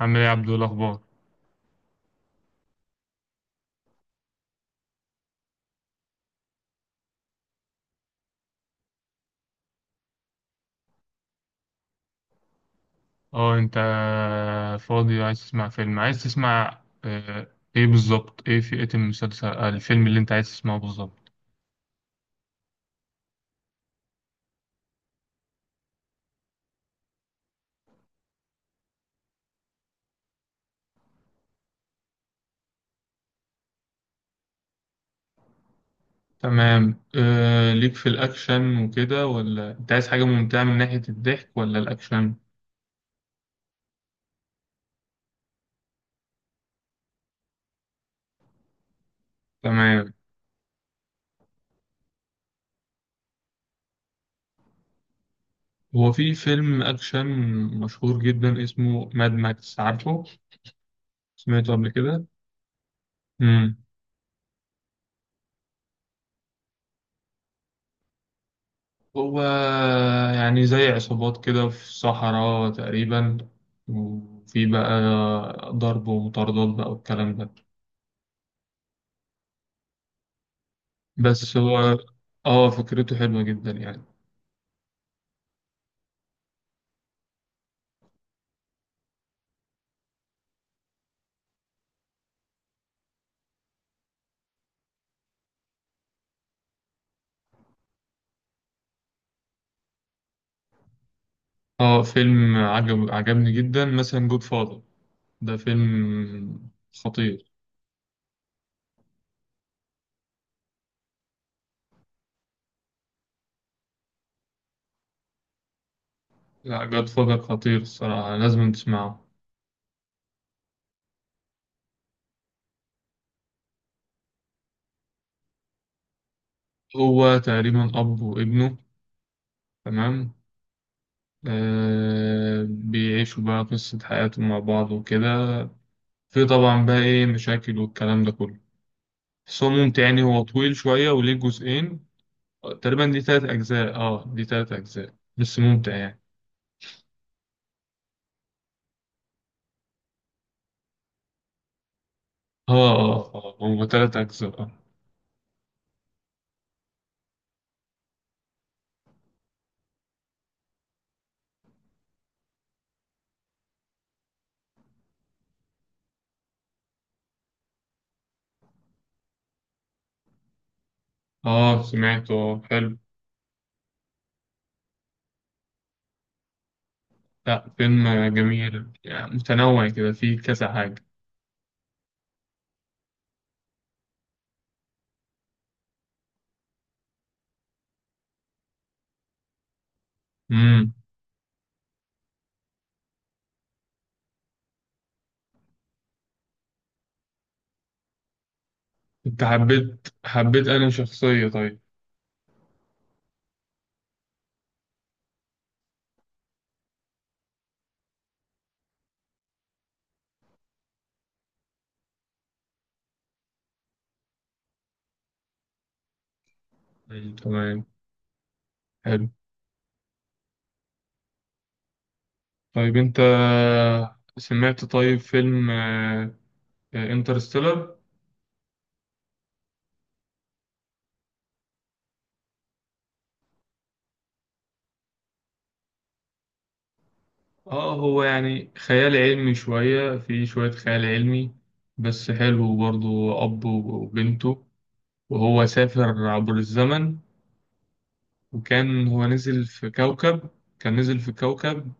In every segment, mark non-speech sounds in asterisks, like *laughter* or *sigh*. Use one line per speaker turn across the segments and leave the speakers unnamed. عامل ايه يا عبدو؟ إيه الاخبار؟ اه انت فاضي، عايز تسمع فيلم؟ عايز تسمع آه، ايه بالظبط؟ ايه فئة المسلسل آه، الفيلم اللي انت عايز تسمعه بالظبط؟ تمام. ليك في الأكشن وكده، ولا أنت عايز حاجة ممتعة من ناحية الضحك ولا الأكشن؟ تمام. هو في فيلم أكشن مشهور جدا اسمه ماد ماكس، عارفه؟ سمعته قبل كده؟ هو يعني زي عصابات كده في الصحراء تقريبا، وفي بقى ضرب ومطاردات بقى والكلام ده. بس هو، اه فكرته حلوة جدا يعني. اه فيلم عجبني جدا مثلا، جود فاذر، ده فيلم خطير. لا، جود فاذر خطير، الصراحة لازم تسمعه. هو تقريبا أب وابنه. تمام. بيعيشوا بقى قصة حياتهم مع بعض وكده. في طبعا بقى ايه مشاكل والكلام ده كله، بس هو ممتع يعني. هو طويل شوية وليه جزئين. تقريبا دي 3 أجزاء، دي 3 أجزاء بس ممتع يعني. اه هو تلات أجزاء اه سمعته، حلو. لا، فيلم جميل يعني، متنوع كده، فيه كذا حاجة. امم انت حبيت أنا شخصية؟ طيب. مم، تمام. حلو. طيب، انت سمعت طيب فيلم انترستيلر. اه هو يعني خيال علمي شوية، في شوية خيال علمي، بس حلو برضه. أب وبنته، وهو سافر عبر الزمن، وكان هو نزل في كوكب. كان نزل في كوكب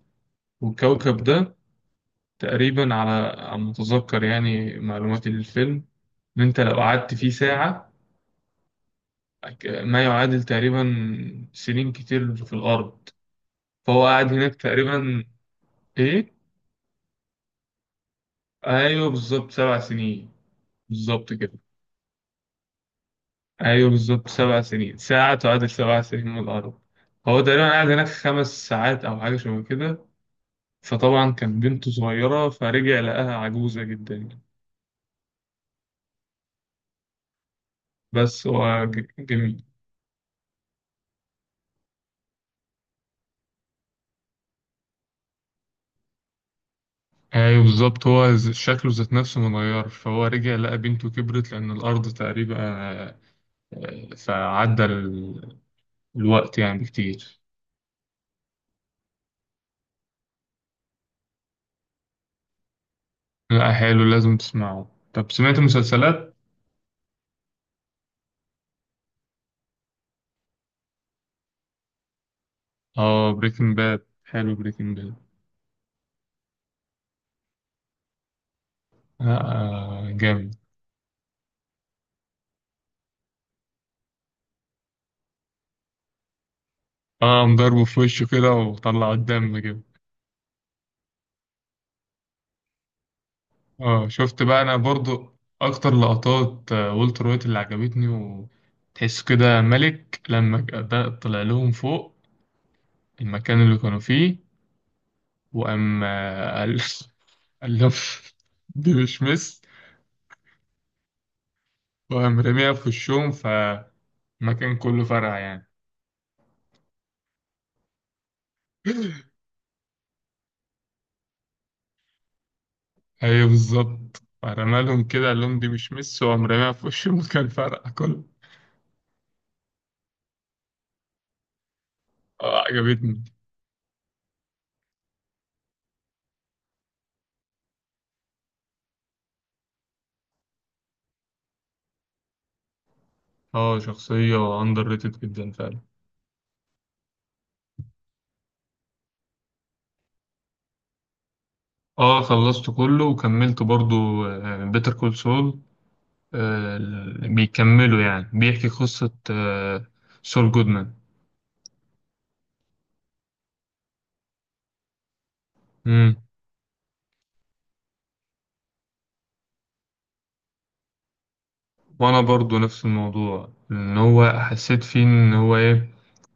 والكوكب ده تقريبا على ما أتذكر، يعني معلومات الفيلم، إن أنت لو قعدت فيه ساعة، ما يعادل تقريبا سنين كتير في الأرض. فهو قعد هناك تقريبا. إيه؟ أيوه بالظبط، 7 سنين. بالظبط كده. ايوه بالظبط، 7 سنين، ساعة تعادل 7 سنين من الأرض. هو تقريبا قعد هناك 5 ساعات أو حاجة شبه كده. فطبعا كان بنته صغيرة، فرجع لقاها عجوزة جدا يعني. بس هو جميل. ايوه بالظبط، هو شكله ذات نفسه متغير، فهو رجع لقى بنته كبرت لأن الأرض تقريبا، فعدى الوقت يعني بكتير. لا، حلو، لازم تسمعه. طب سمعت مسلسلات؟ اه، بريكنج باد، حلو بريكنج باد. جامد. اه، قام ضربه في وشه كده وطلع الدم كده. اه، شفت بقى انا برضو اكتر لقطات والتر وايت اللي عجبتني، وتحس كده ملك لما ده طلع لهم فوق المكان اللي كانوا فيه، وقام قال *laughs* قال لهم دي مش مس، وقام رميها في وشهم، فالمكان كله فرقع يعني. *laughs* ايوه بالظبط، فرمى لهم كده قال لهم دي مش مس، وقام رميها في وش المكان *laughs* فرقع كله. اه، عجبتني. اه، شخصية اندر ريتد جدا فعلا. اه، خلصت كله وكملت برضو بيتر كول سول، بيكملوا يعني بيحكي قصة سول جودمان. مم. وانا برضو نفس الموضوع، ان هو حسيت فيه ان هو ايه،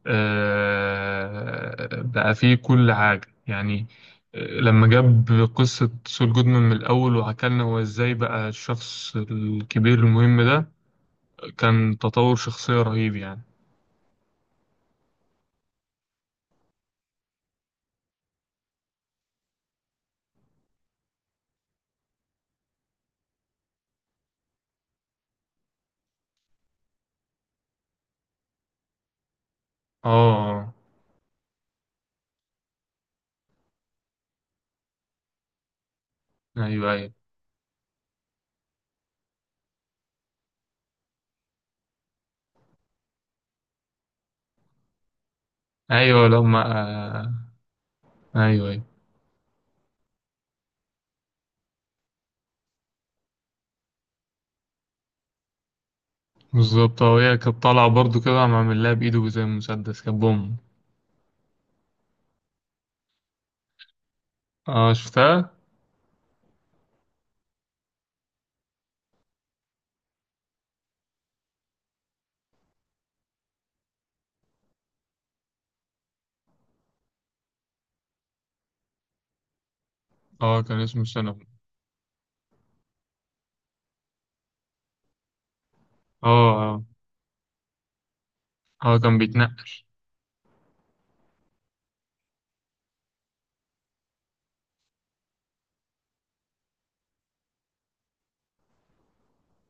بقى فيه كل حاجة يعني. لما جاب قصة سول جودمان من الأول وحكالنا هو إزاي بقى الشخص الكبير المهم ده، كان تطور شخصية رهيب يعني. اه، ايوه ايوه ايوه، لما آه، ايوه ايوه بالظبط. اه، هي كانت طالعة برضو كده، عم عامل لها بايده زي مسدس، كان بوم. اه، شفتها. اه، كان اسمه سينابون. اه، اه، اه، كان بيتنقل.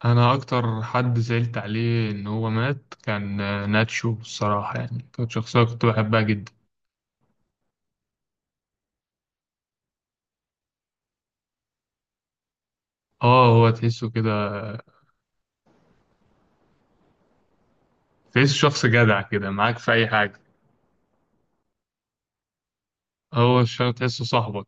انا اكتر حد زعلت عليه ان هو مات كان ناتشو، الصراحة يعني كانت شخصية كنت بحبها جدا. اه، هو تحسه كده. تحسه شخص جدع كده معاك في اي حاجة. هو الشخص تحسه صاحبك.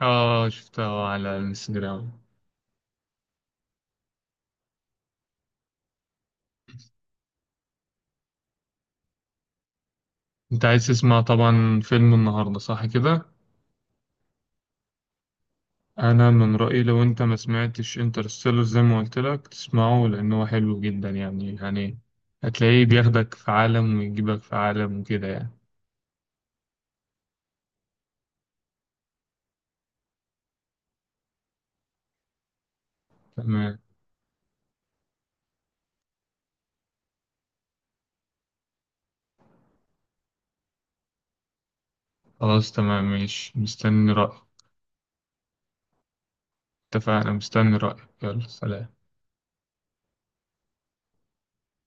اه، شفتها على الانستجرام. انت عايز تسمع طبعا فيلم النهاردة، صح كده؟ انا من رأيي لو انت ما سمعتش انترستيلر زي ما قلت لك تسمعه، لان هو حلو جدا يعني هتلاقيه بياخدك في عالم ويجيبك في عالم وكده يعني. تمام، خلاص تمام، ماشي، مستني رأيك. اتفقنا، مستني رأيك، يلا سلام.